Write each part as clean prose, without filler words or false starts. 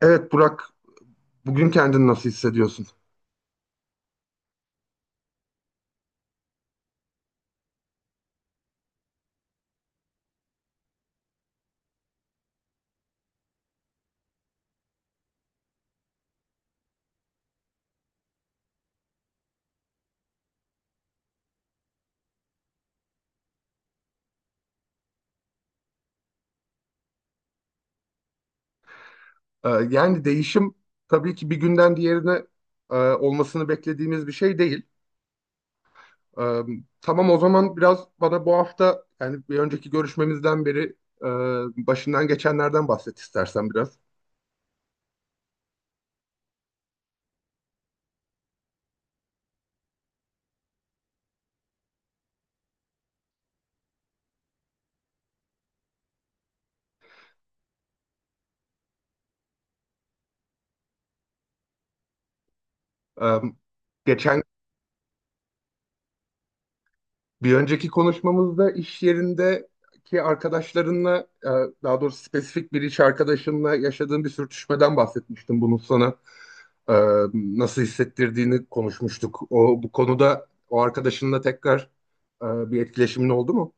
Evet Burak, bugün kendini nasıl hissediyorsun? Yani değişim tabii ki bir günden diğerine olmasını beklediğimiz bir şey değil. Ee, tamam, o zaman biraz bana bu hafta, yani bir önceki görüşmemizden beri başından geçenlerden bahset istersen biraz. Ee, geçen Bir önceki konuşmamızda iş yerindeki arkadaşlarınla, e, daha doğrusu spesifik bir iş arkadaşınla yaşadığın bir sürtüşmeden bahsetmiştim. Bunun sana e, nasıl hissettirdiğini konuşmuştuk. O bu konuda o arkadaşınla tekrar e, bir etkileşimin oldu mu?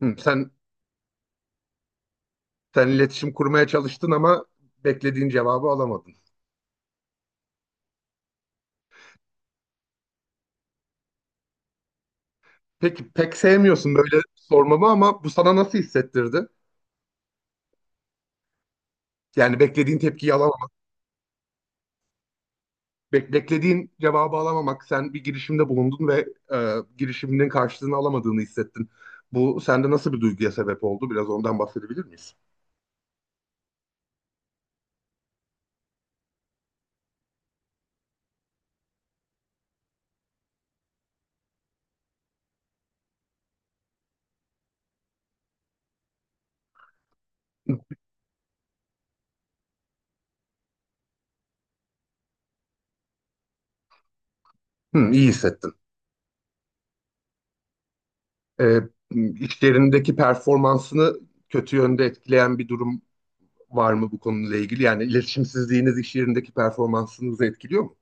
Hı, sen iletişim kurmaya çalıştın ama beklediğin cevabı alamadın. Peki, pek sevmiyorsun böyle sormamı ama bu sana nasıl hissettirdi? Yani beklediğin tepkiyi alamadın. Beklediğin cevabı alamamak, sen bir girişimde bulundun ve girişiminin karşılığını alamadığını hissettin. Bu sende nasıl bir duyguya sebep oldu? Biraz ondan bahsedebilir miyiz? Hı, iyi hissettin. E, işlerindeki performansını kötü yönde etkileyen bir durum var mı bu konuyla ilgili? Yani iletişimsizliğiniz iş yerindeki performansınızı etkiliyor mu?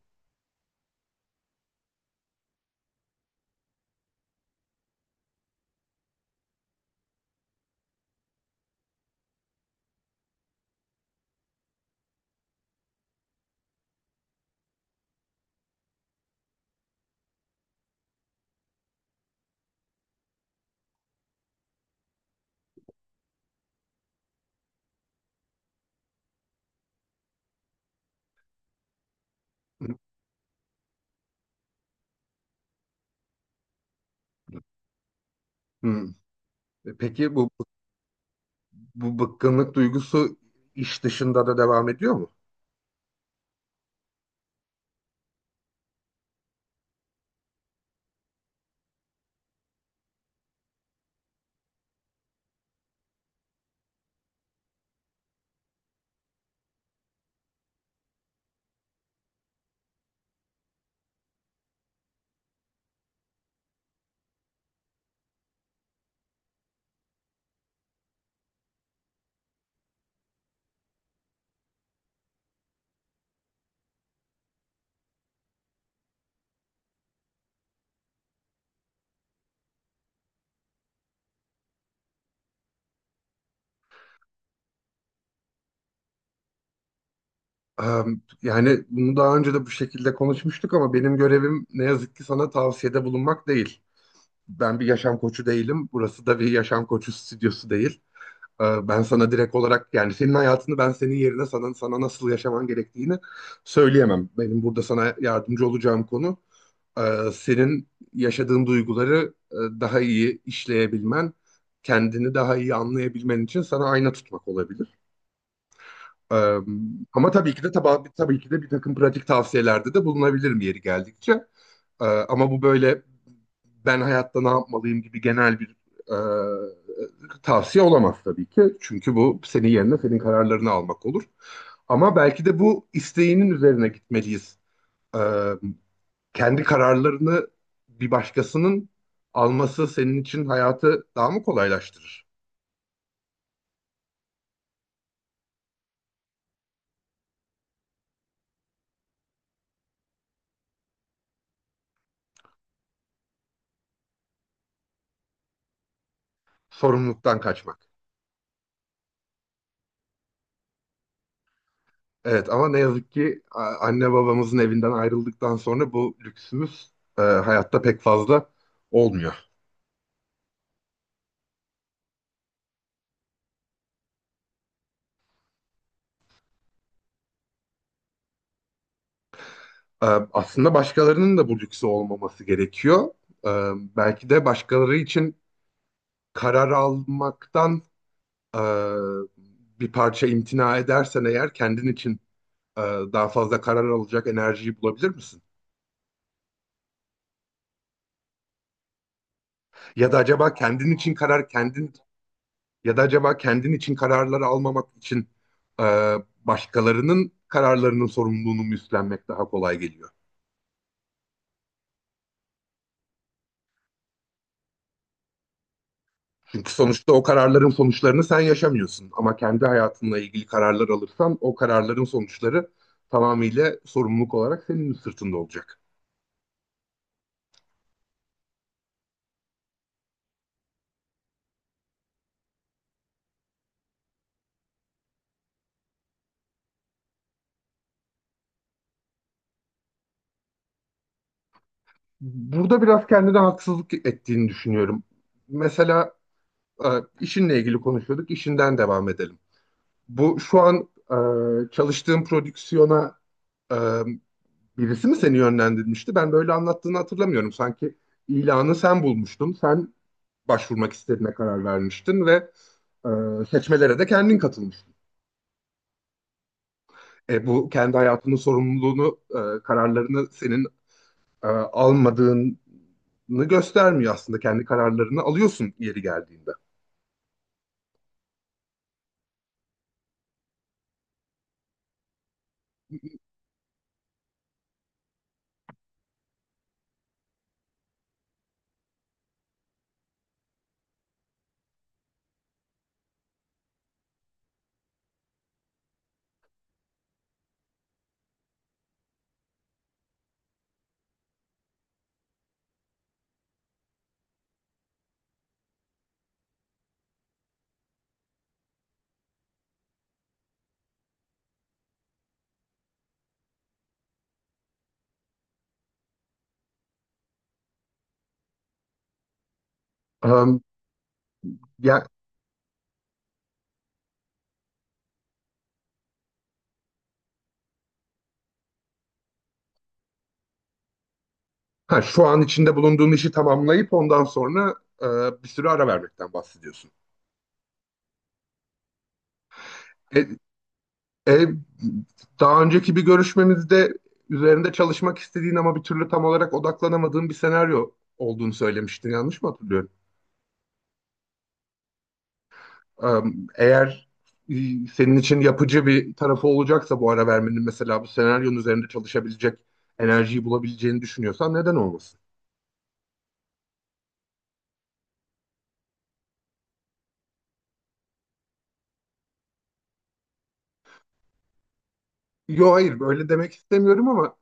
Hı. Peki bu bıkkınlık duygusu iş dışında da devam ediyor mu? Ee, Yani bunu daha önce de bu şekilde konuşmuştuk ama benim görevim ne yazık ki sana tavsiyede bulunmak değil. Ben bir yaşam koçu değilim. Burası da bir yaşam koçu stüdyosu değil. Ben sana direkt olarak, yani senin hayatını ben senin yerine sana nasıl yaşaman gerektiğini söyleyemem. Benim burada sana yardımcı olacağım konu, senin yaşadığın duyguları daha iyi işleyebilmen, kendini daha iyi anlayabilmen için sana ayna tutmak olabilir. Ee, Ama tabii ki de tabii ki de bir takım pratik tavsiyelerde de bulunabilirim yeri geldikçe. Ama bu böyle ben hayatta ne yapmalıyım gibi genel bir tavsiye olamaz tabii ki. Çünkü bu senin yerine senin kararlarını almak olur. Ama belki de bu isteğinin üzerine gitmeliyiz. Ee, Kendi kararlarını bir başkasının alması senin için hayatı daha mı kolaylaştırır? Sorumluluktan kaçmak. Evet ama ne yazık ki anne babamızın evinden ayrıldıktan sonra bu lüksümüz hayatta pek fazla olmuyor. E, Aslında başkalarının da bu lüksü olmaması gerekiyor. E, Belki de başkaları için karar almaktan e, bir parça imtina edersen, eğer kendin için e, daha fazla karar alacak enerjiyi bulabilir misin? Ya da acaba kendin için karar kendin Ya da acaba kendin için kararları almamak için e, başkalarının kararlarının sorumluluğunu mu üstlenmek daha kolay geliyor? Çünkü sonuçta o kararların sonuçlarını sen yaşamıyorsun. Ama kendi hayatınla ilgili kararlar alırsan o kararların sonuçları tamamıyla sorumluluk olarak senin sırtında olacak. Burada biraz kendine haksızlık ettiğini düşünüyorum. Mesela e, işinle ilgili konuşuyorduk, işinden devam edelim. Bu şu an çalıştığım prodüksiyona e, birisi mi seni yönlendirmişti? Ben böyle anlattığını hatırlamıyorum. Sanki ilanı sen bulmuştun. Sen başvurmak istediğine karar vermiştin ve e, seçmelere de kendin katılmıştın. Bu kendi hayatının sorumluluğunu, kararlarını senin almadığını göstermiyor aslında. Kendi kararlarını alıyorsun yeri geldiğinde. E, ya, ha, şu an içinde bulunduğun işi tamamlayıp ondan sonra e, bir sürü ara vermekten bahsediyorsun. E, E, Daha önceki bir görüşmemizde üzerinde çalışmak istediğin ama bir türlü tam olarak odaklanamadığın bir senaryo olduğunu söylemiştin. Yanlış mı hatırlıyorum? Eğer e, senin için yapıcı bir tarafı olacaksa bu ara vermenin, mesela bu senaryonun üzerinde çalışabilecek enerjiyi bulabileceğini düşünüyorsan neden olmasın? Yo hayır, böyle demek istemiyorum ama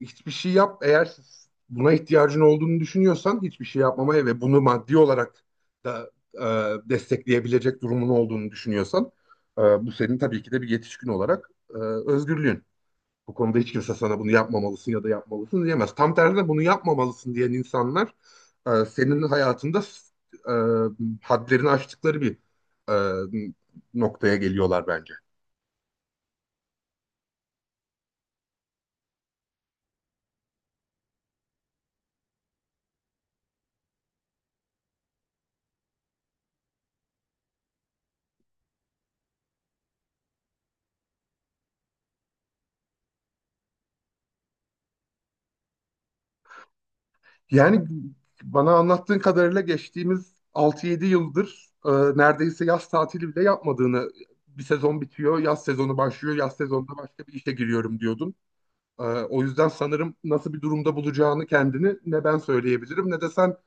hiçbir şey yap. Eğer buna ihtiyacın olduğunu düşünüyorsan hiçbir şey yapmamaya ve bunu maddi olarak da destekleyebilecek durumun olduğunu düşünüyorsan bu senin tabii ki de bir yetişkin olarak özgürlüğün. Bu konuda hiç kimse sana bunu yapmamalısın ya da yapmalısın diyemez. Tam tersine bunu yapmamalısın diyen insanlar senin hayatında e, hadlerini aştıkları bir e, noktaya geliyorlar bence. Yani bana anlattığın kadarıyla geçtiğimiz 6-7 yıldır neredeyse yaz tatili bile yapmadığını, bir sezon bitiyor, yaz sezonu başlıyor, yaz sezonunda başka bir işe giriyorum diyordun. O yüzden sanırım nasıl bir durumda bulacağını kendini ne ben söyleyebilirim ne de sen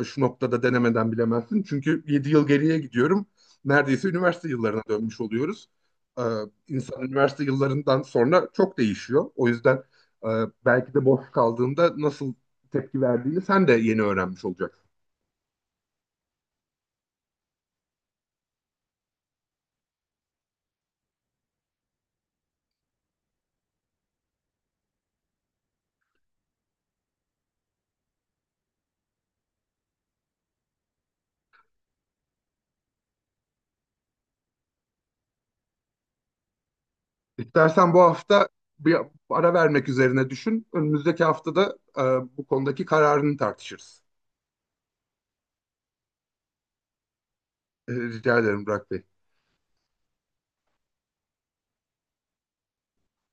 şu noktada denemeden bilemezsin. Çünkü 7 yıl geriye gidiyorum. Neredeyse üniversite yıllarına dönmüş oluyoruz. Ee, insan üniversite yıllarından sonra çok değişiyor. O yüzden e, belki de boş kaldığında nasıl tepki verdiğini sen de yeni öğrenmiş olacaksın. İstersen bu hafta bir ara vermek üzerine düşün. Önümüzdeki haftada bu konudaki kararını tartışırız. Rica ederim Burak Bey.